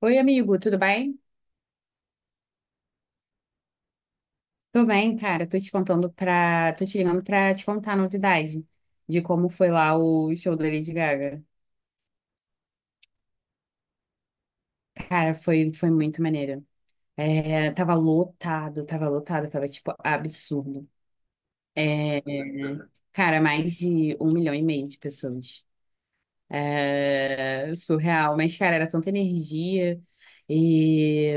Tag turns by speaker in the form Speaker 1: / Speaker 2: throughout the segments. Speaker 1: Oi, amigo, tudo bem? Tô bem, cara. Tô te contando pra. Tô te ligando pra te contar a novidade de como foi lá o show da Lady Gaga. Cara, foi muito maneiro. Tava lotado, tava lotado, tava tipo absurdo. Cara, mais de um milhão e meio de pessoas. É, surreal. Mas, cara, era tanta energia. E,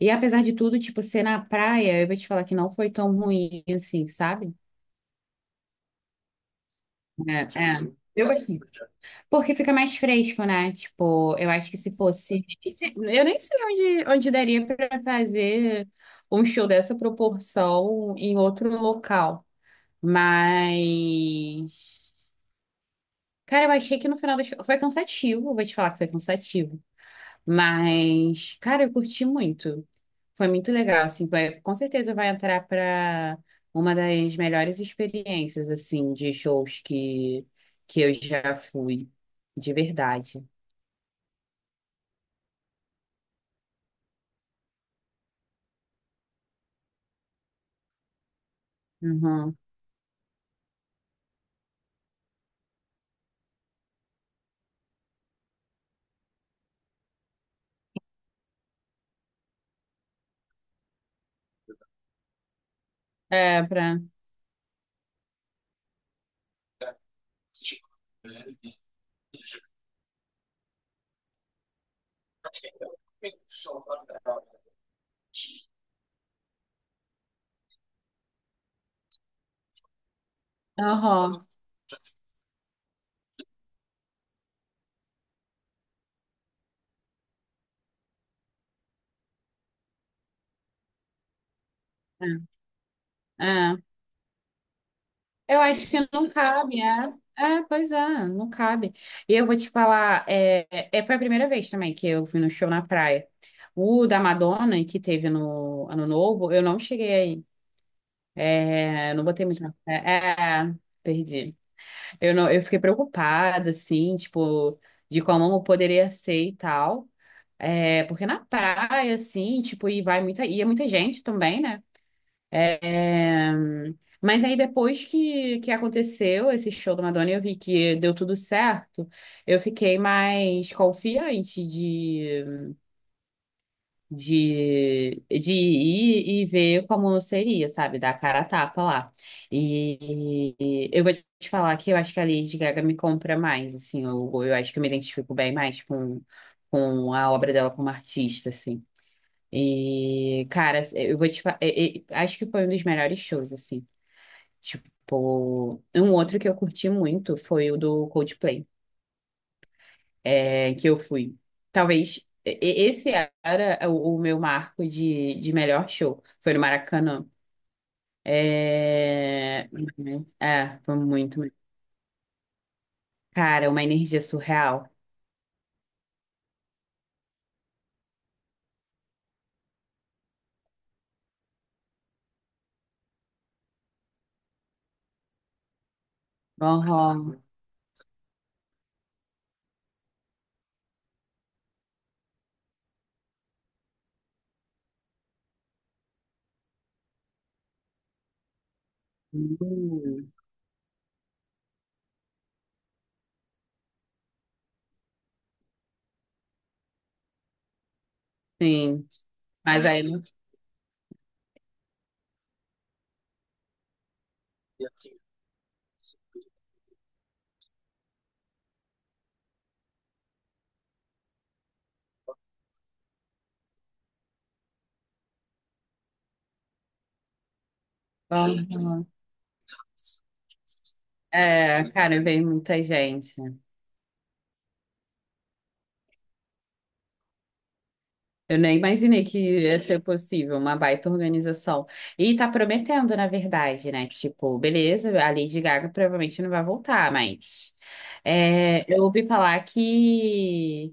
Speaker 1: e apesar de tudo, tipo, ser na praia, eu vou te falar que não foi tão ruim assim, sabe? É, é. Eu gostei. Porque fica mais fresco, né? Tipo, eu acho que se fosse. Eu nem sei onde daria para fazer um show dessa proporção em outro local. Mas. Cara, eu achei que no final do show. Foi cansativo, vou te falar que foi cansativo. Mas, cara, eu curti muito. Foi muito legal, assim, com certeza vai entrar para uma das melhores experiências, assim, de shows que eu já fui, de verdade. Uhum. É, pra... Uhum. É. É. Eu acho que não cabe, é. É, pois é, não cabe. E eu vou te falar, foi a primeira vez também que eu fui no show na praia. O da Madonna, que teve no Ano Novo, eu não cheguei aí. É, não botei muita fé. É, perdi. Eu não, eu fiquei preocupada, assim, tipo, de como eu poderia ser e tal. É, porque na praia, assim, tipo, ia muita gente também, né? É, mas aí depois que aconteceu esse show da Madonna, e eu vi que deu tudo certo, eu fiquei mais confiante de ir e ver como seria, sabe? Dar a cara a tapa lá. E, eu vou te falar que eu acho que a Lady Gaga me compra mais, assim, eu acho que eu me identifico bem mais com a obra dela como artista, assim. E, cara, eu vou te falar, acho que foi um dos melhores shows, assim. Tipo, um outro que eu curti muito foi o do Coldplay é, que eu fui. Talvez esse era o meu marco de melhor show. Foi no Maracanã. É, é, foi muito. Cara, uma energia surreal. Aham. Hum. Sim, mas aí não. Aham. É, cara, veio muita gente. Eu nem imaginei que ia ser possível, uma baita organização. E tá prometendo, na verdade, né? Tipo, beleza, a Lady Gaga provavelmente não vai voltar, mas é, eu ouvi falar que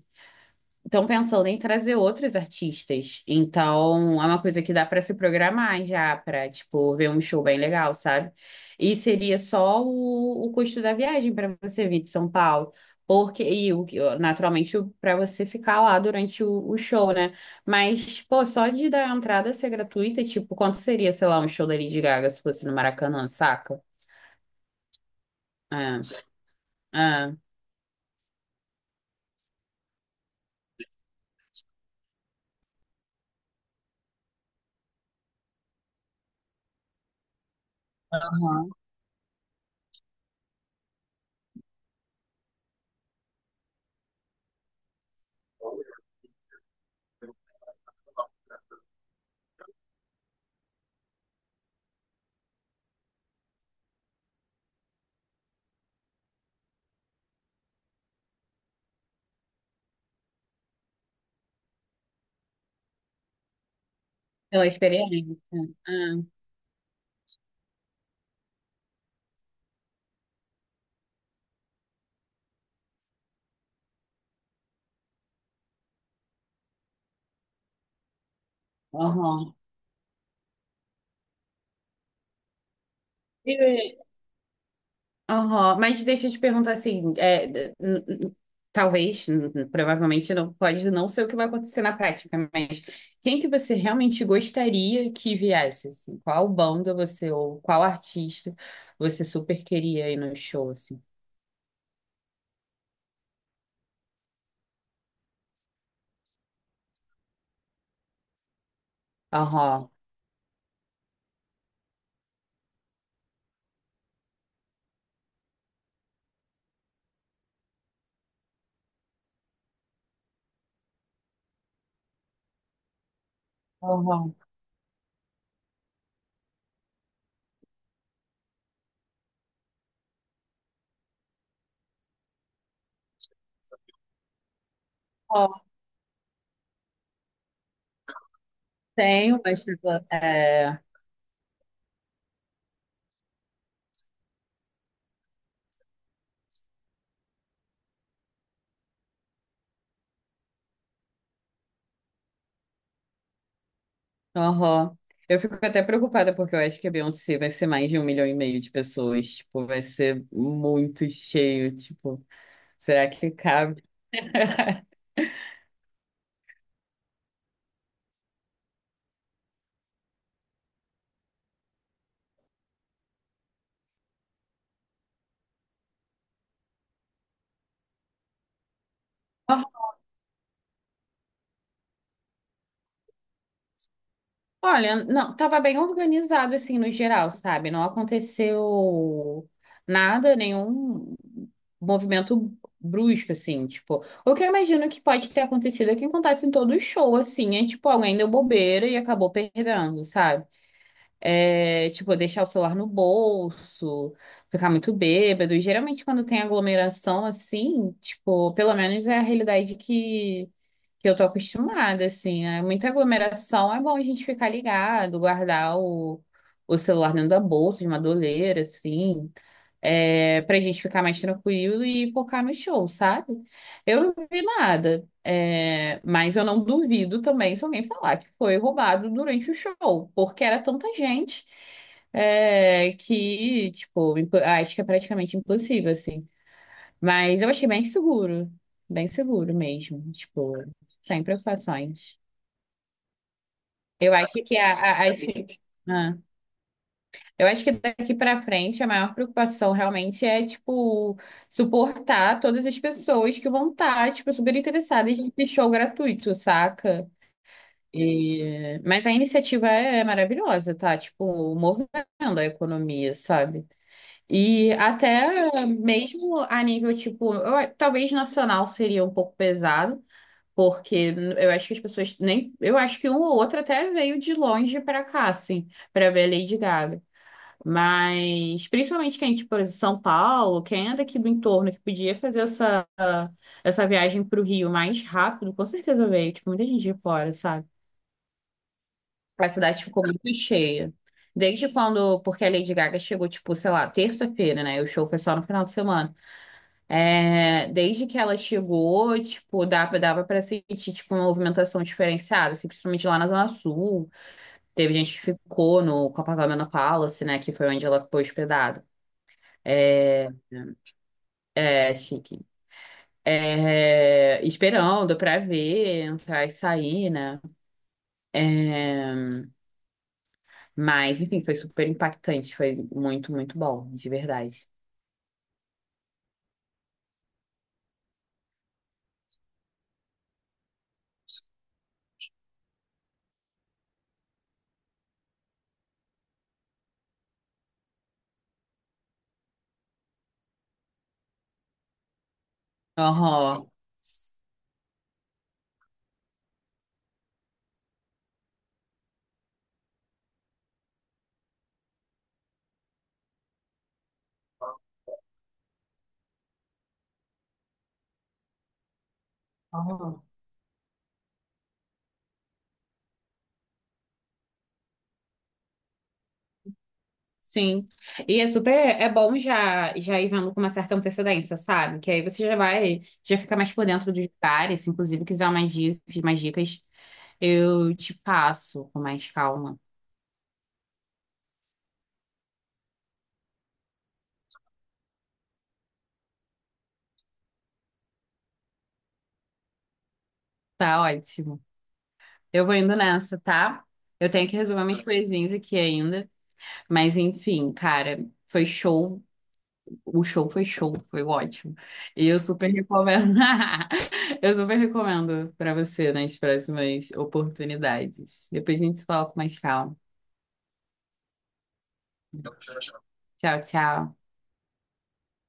Speaker 1: estão pensando em trazer outros artistas. Então, é uma coisa que dá para se programar já, para, tipo, ver um show bem legal, sabe? E seria só o custo da viagem para você vir de São Paulo. Porque, e o, que- naturalmente, para você ficar lá durante o show, né? Mas, pô, só de dar a entrada ser gratuita, tipo, quanto seria, sei lá, um show da Lady Gaga se fosse no Maracanã, saca? É, é, aham. Pela experiência. É, é, aham. Aham, mas deixa eu te perguntar assim, é, n- n- talvez, provavelmente não pode não ser o que vai acontecer na prática, mas quem que você realmente gostaria que viesse, assim? Qual banda você ou qual artista você super queria ir no show, assim? Aham, aham. Ó, tenho, mas tipo, é, aham. Eu fico até preocupada porque eu acho que a Beyoncé vai ser mais de um milhão e meio de pessoas, tipo, vai ser muito cheio, tipo, será que cabe? Olha, não, tava bem organizado assim no geral, sabe? Não aconteceu nada, nenhum movimento brusco assim, tipo, o que eu imagino que pode ter acontecido é que acontece em todo show assim, é tipo, alguém deu bobeira e acabou perdendo, sabe? É, tipo, deixar o celular no bolso, ficar muito bêbado. E, geralmente quando tem aglomeração assim, tipo, pelo menos é a realidade que eu tô acostumada, assim. É muita aglomeração, é bom a gente ficar ligado, guardar o celular dentro da bolsa, de uma doleira, assim, é, pra gente ficar mais tranquilo e focar no show, sabe? Eu não vi nada, é, mas eu não duvido também se alguém falar que foi roubado durante o show, porque era tanta gente. É, que, tipo, ah, acho que é praticamente impossível, assim. Mas eu achei bem seguro mesmo, tipo, sem preocupações. Eu acho que a, a- as- ah, eu acho que daqui para frente a maior preocupação realmente é, tipo, suportar todas as pessoas que vão estar, tipo, super interessadas nesse show gratuito, saca? Mas a iniciativa é maravilhosa, tá? Tipo, movendo a economia, sabe? E até mesmo a nível, tipo, talvez nacional seria um pouco pesado, porque eu acho que as pessoas nem. Eu acho que um ou outro até veio de longe pra cá, assim, pra ver a Lady Gaga. Mas, principalmente quem, tipo, é de São Paulo, quem é daqui do entorno, que podia fazer essa viagem pro Rio mais rápido, com certeza veio. Tipo, muita gente de fora, sabe? A cidade ficou muito cheia. Desde quando. Porque a Lady Gaga chegou, tipo, sei lá, terça-feira, né? E o show foi só no final de semana. É, desde que ela chegou, tipo, dava para sentir, tipo, uma movimentação diferenciada, assim, principalmente lá na Zona Sul. Teve gente que ficou no Copacabana Palace, né, que foi onde ela ficou hospedada. É, é chique. É, esperando pra ver, entrar e sair, né? É, mas, enfim, foi super impactante, foi muito, muito bom, de verdade. Aham. Aham. Sim. E é super, é bom já já ir vendo com uma certa antecedência, sabe? Que aí você já vai, já fica mais por dentro dos lugares, se inclusive quiser mais dicas, eu te passo com mais calma. Tá ótimo. Eu vou indo nessa, tá? Eu tenho que resolver minhas coisinhas aqui ainda, mas enfim, cara, foi show o show, foi ótimo. E eu super recomendo. Eu super recomendo para você nas próximas oportunidades. Depois a gente se fala com mais calma. Tchau, tchau.